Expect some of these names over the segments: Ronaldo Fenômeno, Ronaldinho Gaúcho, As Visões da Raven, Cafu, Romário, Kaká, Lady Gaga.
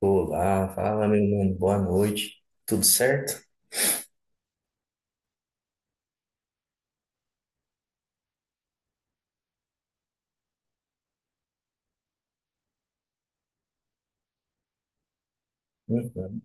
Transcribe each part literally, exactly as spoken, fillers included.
Olá, fala meu mano, boa noite. Tudo certo? Uhum.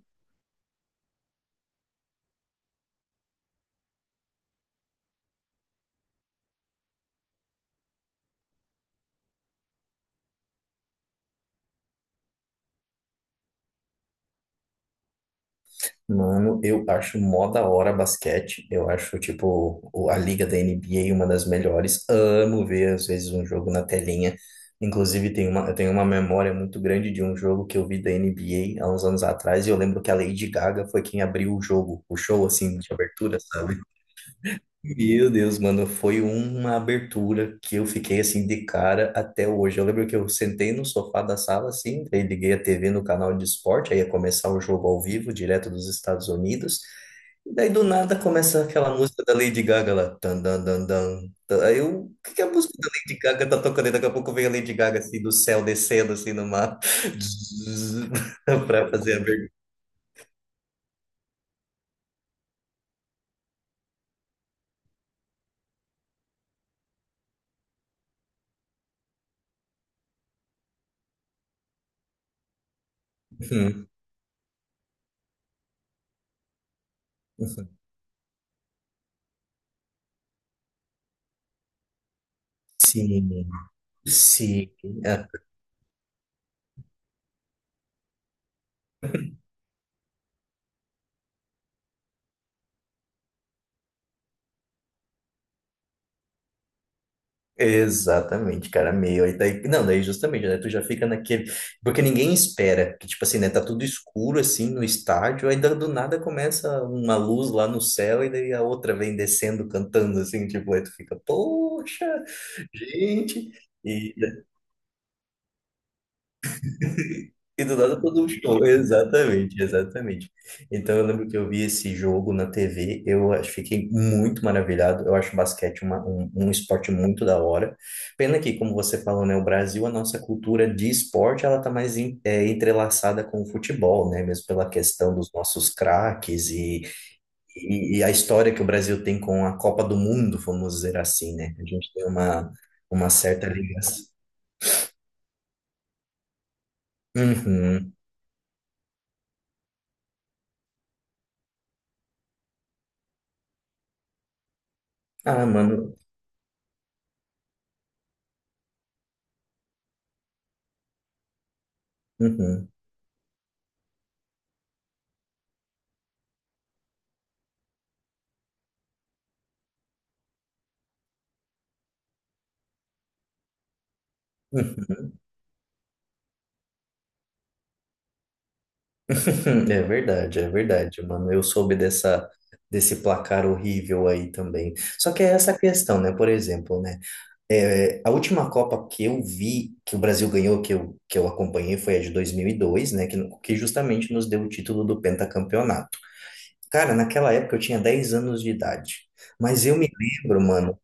Mano, eu acho mó da hora basquete. Eu acho, tipo, o- a liga da N B A uma das melhores. Amo ver, às vezes, um jogo na telinha. Inclusive, tem uma, eu tenho uma memória muito grande de um jogo que eu vi da N B A há uns anos atrás. E eu lembro que a Lady Gaga foi quem abriu o jogo, o show, assim, de abertura, sabe? Meu Deus, mano, foi uma abertura que eu fiquei assim de cara até hoje. Eu lembro que eu sentei no sofá da sala assim, aí liguei a T V no canal de esporte, aí ia começar o jogo ao vivo, direto dos Estados Unidos. E daí do nada começa aquela música da Lady Gaga lá. Tan, dan, dan, dan. Tan. Aí eu, o que que é a música da Lady Gaga tá tocando? E daqui a pouco vem a Lady Gaga assim do céu descendo assim no mar pra fazer a abertura. Hum. Sim, sim. Ah, exatamente, cara, meio. Aí daí, não, daí justamente, né? Tu já fica naquele. Porque ninguém espera, que tipo assim, né? Tá tudo escuro assim no estádio, aí do do nada começa uma luz lá no céu e daí a outra vem descendo cantando assim, tipo, aí tu fica, poxa, gente. E E do nada todo um show. Exatamente, exatamente. Então eu lembro que eu vi esse jogo na T V, eu acho- fiquei muito maravilhado. Eu acho basquete uma, um, um esporte muito da hora. Pena que, como você falou, né, o Brasil, a nossa cultura de esporte, ela tá mais en- é, entrelaçada com o futebol, né? Mesmo pela questão dos nossos craques e, e, e a história que o Brasil tem com a Copa do Mundo, vamos dizer assim, né? A gente tem uma, uma certa ligação. Uhum. Ah, mano. Uhum. Hum, é verdade, é verdade, mano. Eu soube dessa, desse placar horrível aí também. Só que é essa questão, né? Por exemplo, né? É, a última Copa que eu vi, que o Brasil ganhou, que eu, que eu acompanhei, foi a de dois mil e dois, né? Que, que justamente nos deu o título do pentacampeonato. Cara, naquela época eu tinha dez anos de idade. Mas eu me lembro, mano,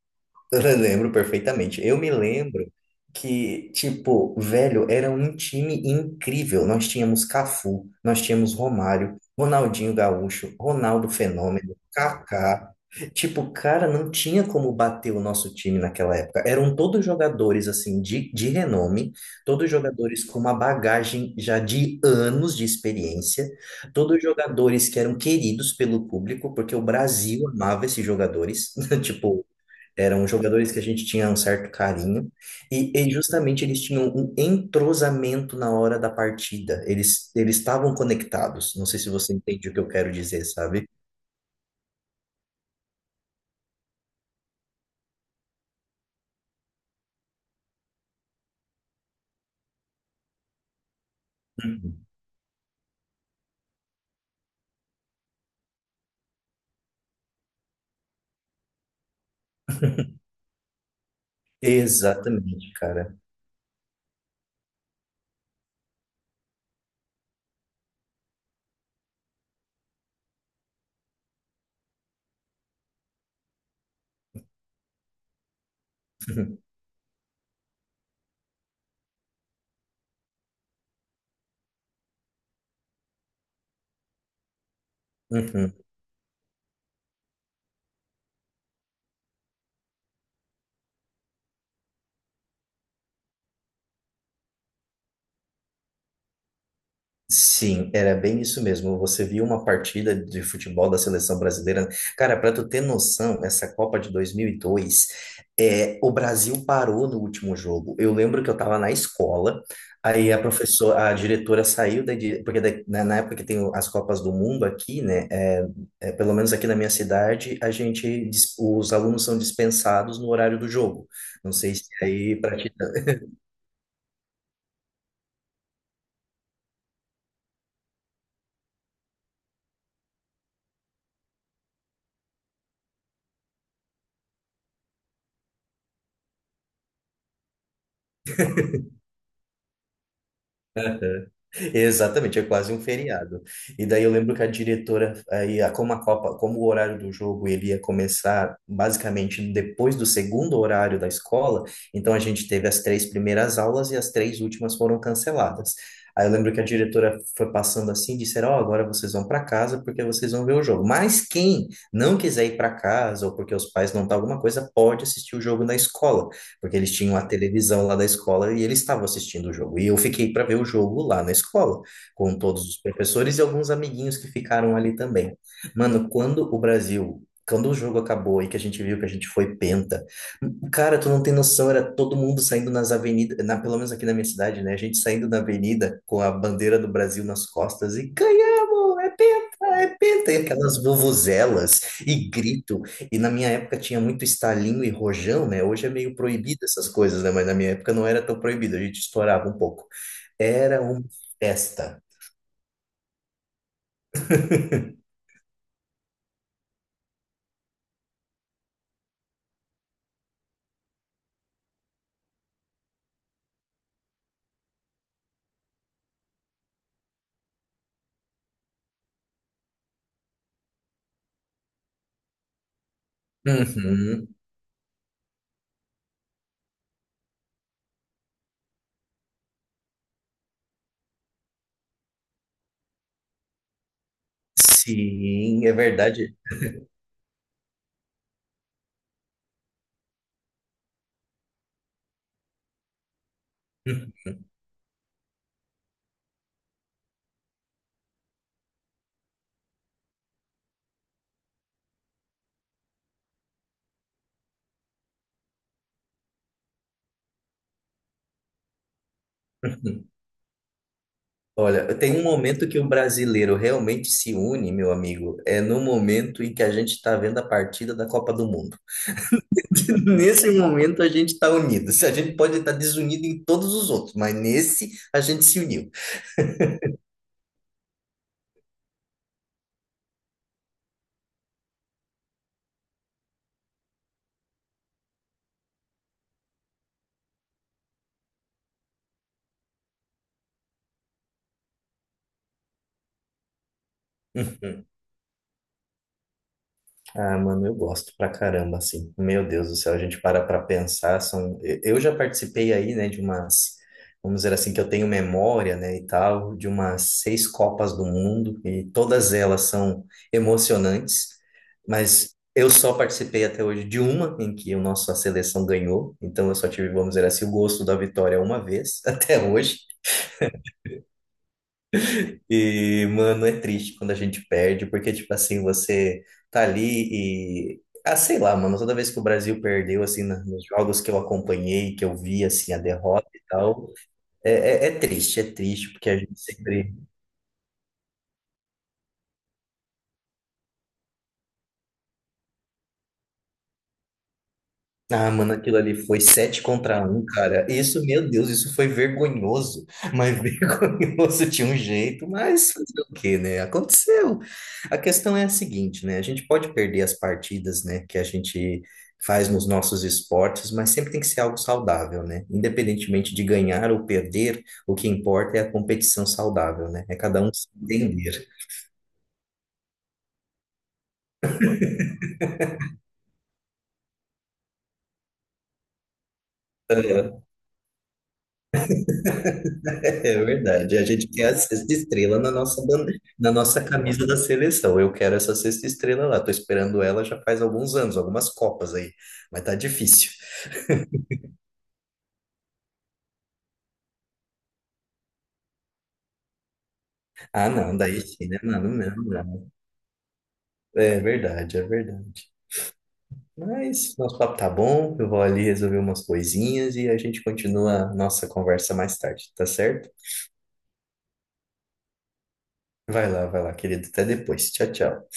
eu lembro perfeitamente. Eu me lembro que, tipo, velho, era um time incrível. Nós tínhamos Cafu, nós tínhamos Romário, Ronaldinho Gaúcho, Ronaldo Fenômeno, Kaká. Tipo, cara, não tinha como bater o nosso time naquela época. Eram todos jogadores, assim, de, de renome, todos jogadores com uma bagagem já de anos de experiência, todos jogadores que eram queridos pelo público, porque o Brasil amava esses jogadores. Tipo, eram jogadores que a gente tinha um certo carinho, e, e justamente eles tinham um entrosamento na hora da partida. Eles eles estavam conectados. Não sei se você entende o que eu quero dizer, sabe? Uhum. Exatamente, cara. Uhum. Sim, era bem isso mesmo. Você viu uma partida de futebol da seleção brasileira. Cara, para tu ter noção, essa Copa de dois mil e dois, é, o Brasil parou no último jogo. Eu lembro que eu estava na escola, aí a professora, a diretora saiu da, di- porque da- na, na época que tem o- as Copas do Mundo aqui, né? é, é, pelo menos aqui na minha cidade, a gente, dis- os alunos são dispensados no horário do jogo. Não sei se aí para ti. Exatamente, é quase um feriado. E daí eu lembro que a diretora, aí, a- como a Copa, como o horário do jogo ele ia começar basicamente depois do segundo horário da escola, então a gente teve as três primeiras aulas e as três últimas foram canceladas. Aí eu lembro que a diretora foi passando assim, disseram, ó, agora vocês vão para casa porque vocês vão ver o jogo. Mas quem não quiser ir para casa ou porque os pais não tá alguma coisa, pode assistir o jogo na escola porque eles tinham a televisão lá da escola e eles estavam assistindo o jogo. E eu fiquei para ver o jogo lá na escola, com todos os professores e alguns amiguinhos que ficaram ali também. Mano, quando o Brasil. Quando o jogo acabou e que a gente viu que a gente foi penta, cara, tu não tem noção, era todo mundo saindo nas avenidas, na, pelo menos aqui na minha cidade, né? A gente saindo na avenida com a bandeira do Brasil nas costas e ganhamos, é penta, é penta, e aquelas vuvuzelas e grito. E na minha época tinha muito estalinho e rojão, né? Hoje é meio proibido essas coisas, né? Mas na minha época não era tão proibido, a gente estourava um pouco. Era uma festa. Uhum. Sim, é verdade. Olha, tem um momento que o brasileiro realmente se une, meu amigo, é no momento em que a gente está vendo a partida da Copa do Mundo. Nesse momento a gente está unido. Se a gente pode estar desunido em todos os outros, mas nesse a gente se uniu. Ah, mano, eu gosto pra caramba, assim. Meu Deus do céu, a gente para pra pensar, são... Eu já participei aí, né, de umas... Vamos dizer assim, que eu tenho memória, né, e tal, de umas seis Copas do Mundo, e todas elas são emocionantes, mas eu só participei até hoje de uma em que o nosso- a nossa seleção ganhou, então eu só tive, vamos dizer assim, o gosto da vitória uma vez, até hoje. E, mano, é triste quando a gente perde, porque, tipo assim, você tá ali e. Ah, sei lá, mano, toda vez que o Brasil perdeu, assim, na- nos jogos que eu acompanhei, que eu vi, assim, a derrota e tal, é, é, é triste, é triste, porque a gente sempre. Ah, mano, aquilo ali foi sete contra um, cara. Isso, meu Deus, isso foi vergonhoso. Mas vergonhoso tinha um jeito, mas fazer o quê, né? Aconteceu. A questão é a seguinte, né? A gente pode perder as partidas, né, que a gente faz nos nossos esportes, mas sempre tem que ser algo saudável, né? Independentemente de ganhar ou perder, o que importa é a competição saudável, né? É cada um se entender. Ah, é verdade. A gente quer a sexta estrela na nossa bandeira, na nossa camisa da seleção. Eu quero essa sexta estrela lá. Tô esperando ela já faz alguns anos, algumas copas aí. Mas tá difícil. Ah, não, daí sim, né, mano? Não, não. É verdade, é verdade. Mas nosso papo tá bom. Eu vou ali resolver umas coisinhas e a gente continua a nossa conversa mais tarde, tá certo? Vai lá, vai lá, querido. Até depois. Tchau, tchau.